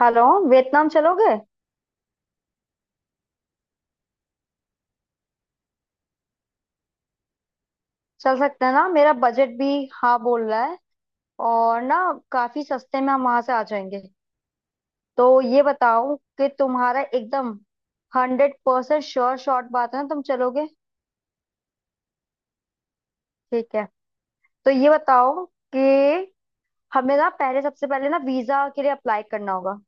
Hello. Vietnam चलोगे? चल सकते हैं ना, मेरा बजट भी हाँ बोल रहा है। और ना, काफी सस्ते में हम वहां से आ जाएंगे। तो ये बताओ कि तुम्हारा एकदम 100% श्योर शॉट बात है ना, तुम चलोगे? ठीक है। तो ये बताओ कि हमें ना, पहले सबसे पहले ना वीजा के लिए अप्लाई करना होगा।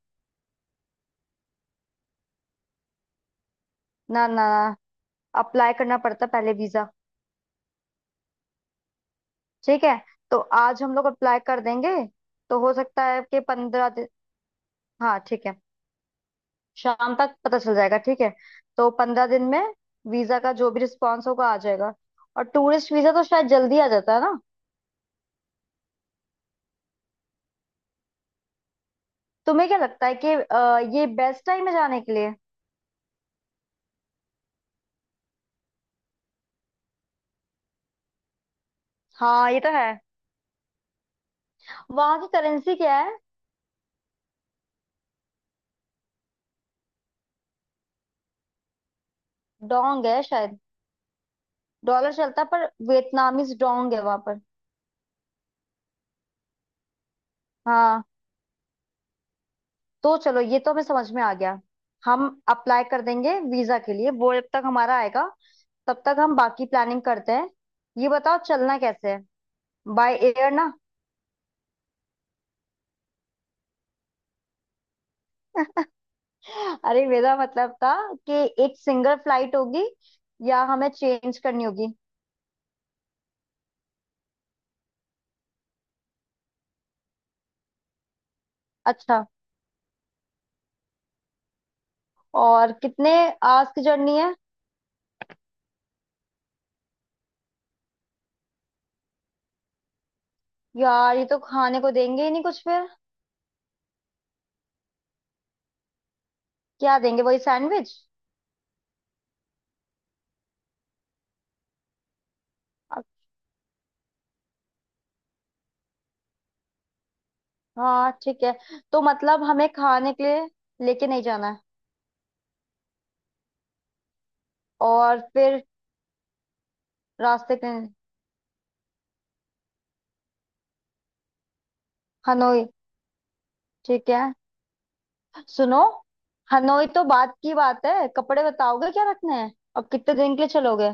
ना ना, अप्लाई करना पड़ता है पहले वीजा। ठीक है, तो आज हम लोग अप्लाई कर देंगे। तो हो सकता है कि 15 दिन, हाँ ठीक है, शाम तक पता चल जाएगा। ठीक है, तो 15 दिन में वीजा का जो भी रिस्पॉन्स होगा आ जाएगा। और टूरिस्ट वीजा तो शायद जल्दी आ जाता है ना। तुम्हें क्या लगता है कि ये बेस्ट टाइम है जाने के लिए? हाँ, ये तो है। वहां की करेंसी क्या है? डोंग है शायद। डॉलर चलता है पर वियतनामीज डोंग है वहां पर। हाँ, तो चलो, ये तो हमें समझ में आ गया। हम अप्लाई कर देंगे वीजा के लिए, वो जब तक हमारा आएगा तब तक हम बाकी प्लानिंग करते हैं। ये बताओ, चलना कैसे है? बाय एयर ना। अरे, मेरा मतलब था कि एक सिंगल फ्लाइट होगी या हमें चेंज करनी होगी। अच्छा। और कितने आवर्स की जर्नी है? यार, ये तो खाने को देंगे ही नहीं कुछ फिर। क्या देंगे, वही सैंडविच? हाँ ठीक है। तो मतलब हमें खाने के लिए लेके नहीं जाना है। और फिर रास्ते पे हनोई, ठीक है। सुनो, हनोई तो बात की बात है, कपड़े बताओगे क्या रखने हैं और कितने दिन के लिए चलोगे?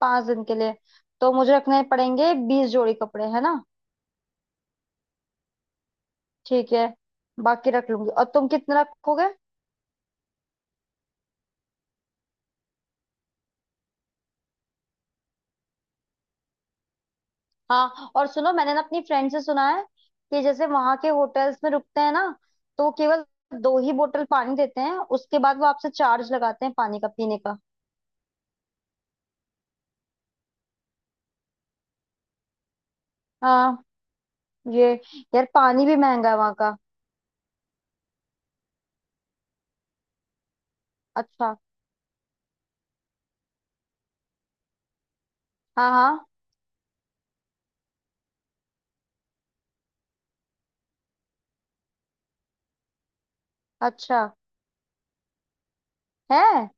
5 दिन के लिए तो मुझे रखने पड़ेंगे 20 जोड़ी कपड़े, है ना? ठीक है, बाकी रख लूंगी। और तुम कितने रखोगे? हाँ, और सुनो, मैंने ना अपनी फ्रेंड से सुना है कि जैसे वहां के होटल्स में रुकते हैं ना, तो वो केवल 2 ही बोतल पानी देते हैं, उसके बाद वो आपसे चार्ज लगाते हैं पानी का, पीने का। हाँ, ये, यार पानी भी महंगा है वहां का। अच्छा, हाँ हाँ। अच्छा है,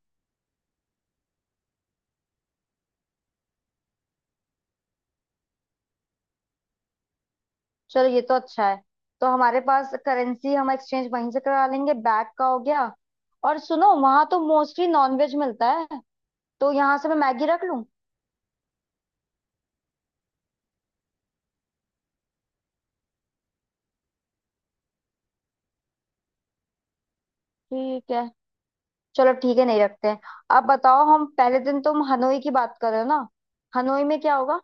चलो, ये तो अच्छा है। तो हमारे पास करेंसी हम एक्सचेंज वहीं से करा लेंगे। बैग का हो गया। और सुनो, वहां तो मोस्टली नॉनवेज मिलता है, तो यहाँ से मैं मैगी रख लूं? ठीक है, चलो ठीक है, नहीं रखते हैं। अब बताओ, हम पहले दिन, तुम हनोई की बात कर रहे हो ना, हनोई में क्या होगा?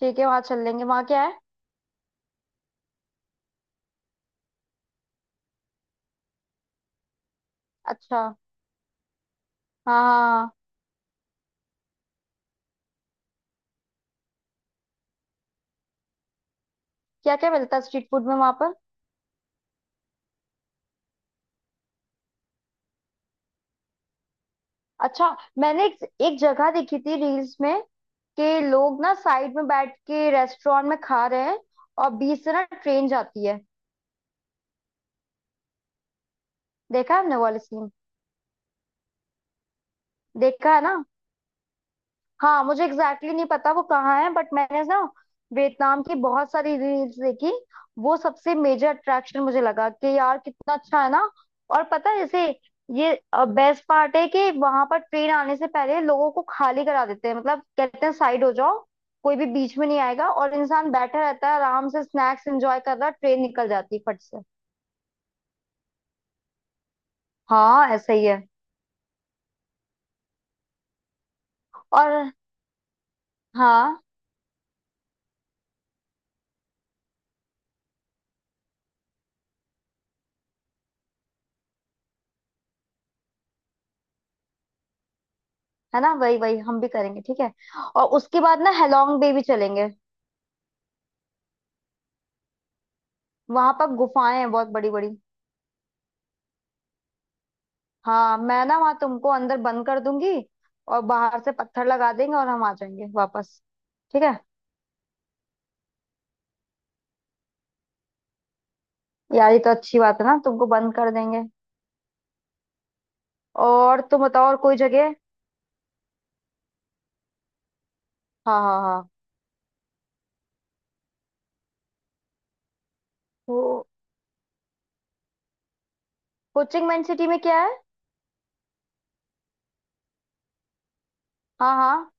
ठीक है, वहां चल लेंगे, वहां क्या है? अच्छा, हाँ हाँ, हाँ, हाँ। क्या क्या मिलता है स्ट्रीट फूड में वहां पर? अच्छा, मैंने एक जगह देखी थी रील्स में कि लोग ना साइड में बैठ के रेस्टोरेंट में खा रहे हैं और बीच से ना ट्रेन जाती है। देखा है हमने वाले सीन। देखा है ना? हाँ, मुझे एग्जैक्टली exactly नहीं पता वो कहाँ है, बट मैंने ना वियतनाम की बहुत सारी रील्स देखी। वो सबसे मेजर अट्रैक्शन मुझे लगा कि यार कितना अच्छा है ना। और पता है जैसे ये बेस्ट पार्ट है कि वहां पर ट्रेन आने से पहले लोगों को खाली करा देते हैं, मतलब कहते हैं साइड हो जाओ, कोई भी बीच में नहीं आएगा। और इंसान बैठा रहता है आराम से, स्नैक्स एंजॉय कर रहा, ट्रेन निकल जाती है फट से। हाँ, ऐसा ही है। और हाँ, है ना, वही वही हम भी करेंगे, ठीक है। और उसके बाद ना हेलोंग बे भी चलेंगे। वहां पर गुफाएं हैं बहुत बड़ी बड़ी। हाँ, मैं ना वहां तुमको अंदर बंद कर दूंगी और बाहर से पत्थर लगा देंगे और हम आ जाएंगे वापस, ठीक है। यार ये तो अच्छी बात है ना, तुमको बंद कर देंगे। और तुम बताओ, और कोई जगह? हाँ हाँ हाँ। वो कोचिंग मैन सिटी में क्या है? हाँ हाँ।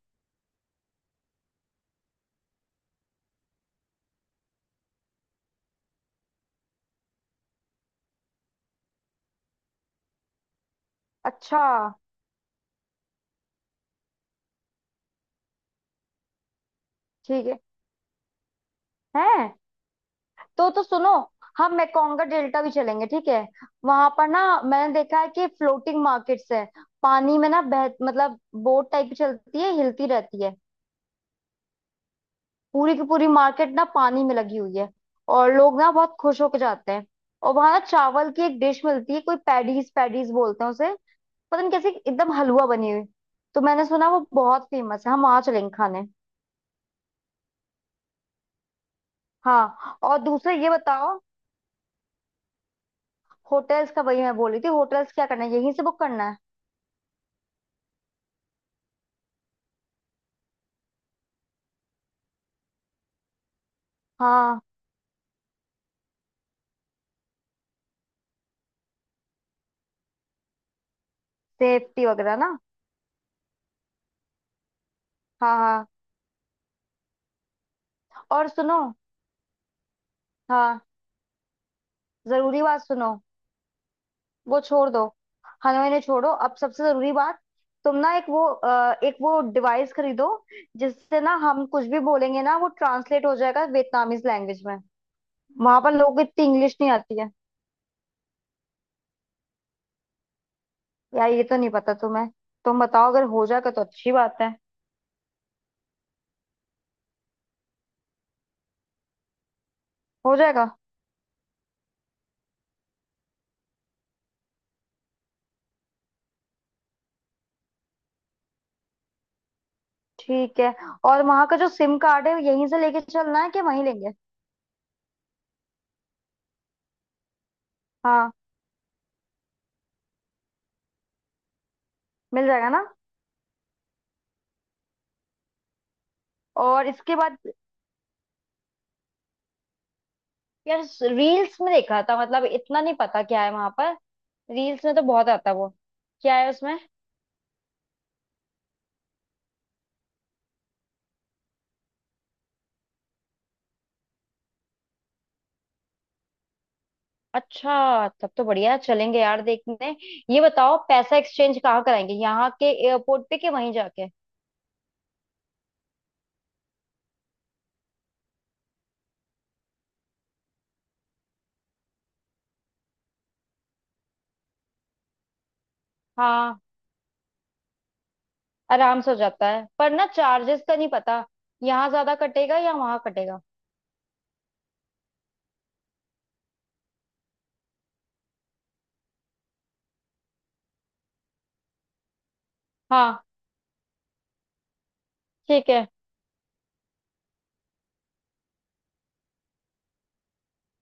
अच्छा, ठीक है। है? तो सुनो, हम मेकोंग का डेल्टा भी चलेंगे, ठीक है। वहां पर ना मैंने देखा है कि फ्लोटिंग मार्केट्स है, पानी में ना, बह मतलब बोट टाइप की चलती है, हिलती रहती है। पूरी की पूरी मार्केट ना पानी में लगी हुई है और लोग ना बहुत खुश होकर जाते हैं। और वहां ना चावल की एक डिश मिलती है, कोई पैडीज पैडीज बोलते हैं उसे, पता नहीं कैसे, एकदम हलवा बनी हुई। तो मैंने सुना वो बहुत फेमस है, हम वहां चलेंगे खाने। हाँ, और दूसरे ये बताओ, होटल्स का, वही मैं बोल रही थी, होटल्स क्या करना है, यहीं से बुक करना है? हाँ, सेफ्टी वगैरह ना। हाँ हाँ। और सुनो, हाँ जरूरी बात सुनो, वो छोड़ दो, हनुमान ने छोड़ो अब, सबसे जरूरी बात, तुम ना एक वो एक वो डिवाइस खरीदो जिससे ना हम कुछ भी बोलेंगे ना, वो ट्रांसलेट हो जाएगा वियतनामीज लैंग्वेज में। वहां पर लोगों को इतनी इंग्लिश नहीं आती है। यार, ये तो नहीं पता तुम्हें, तुम बताओ, अगर हो जाएगा तो अच्छी बात है। हो जाएगा? ठीक है। और वहां का जो सिम कार्ड है, यहीं से लेके चलना है कि वहीं लेंगे? हाँ, मिल जाएगा ना? और इसके बाद, यार रील्स में देखा था, मतलब इतना नहीं पता क्या है वहां पर, रील्स में तो बहुत आता है वो, क्या है उसमें? अच्छा, तब तो बढ़िया है, चलेंगे यार देखने। ये बताओ पैसा एक्सचेंज कहाँ कराएंगे, यहाँ के एयरपोर्ट पे कि वहीं जाके? हाँ, आराम से हो जाता है पर ना, चार्जेस का नहीं पता, यहाँ ज्यादा कटेगा या वहां कटेगा। हाँ ठीक है,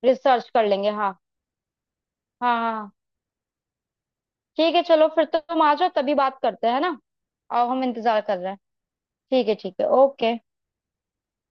रिसर्च कर लेंगे। हाँ हाँ, हाँ, हाँ। ठीक है, चलो फिर तो तुम आ जाओ, तभी बात करते हैं, है ना? और हम इंतजार कर रहे हैं। ठीक है ठीक है, ओके।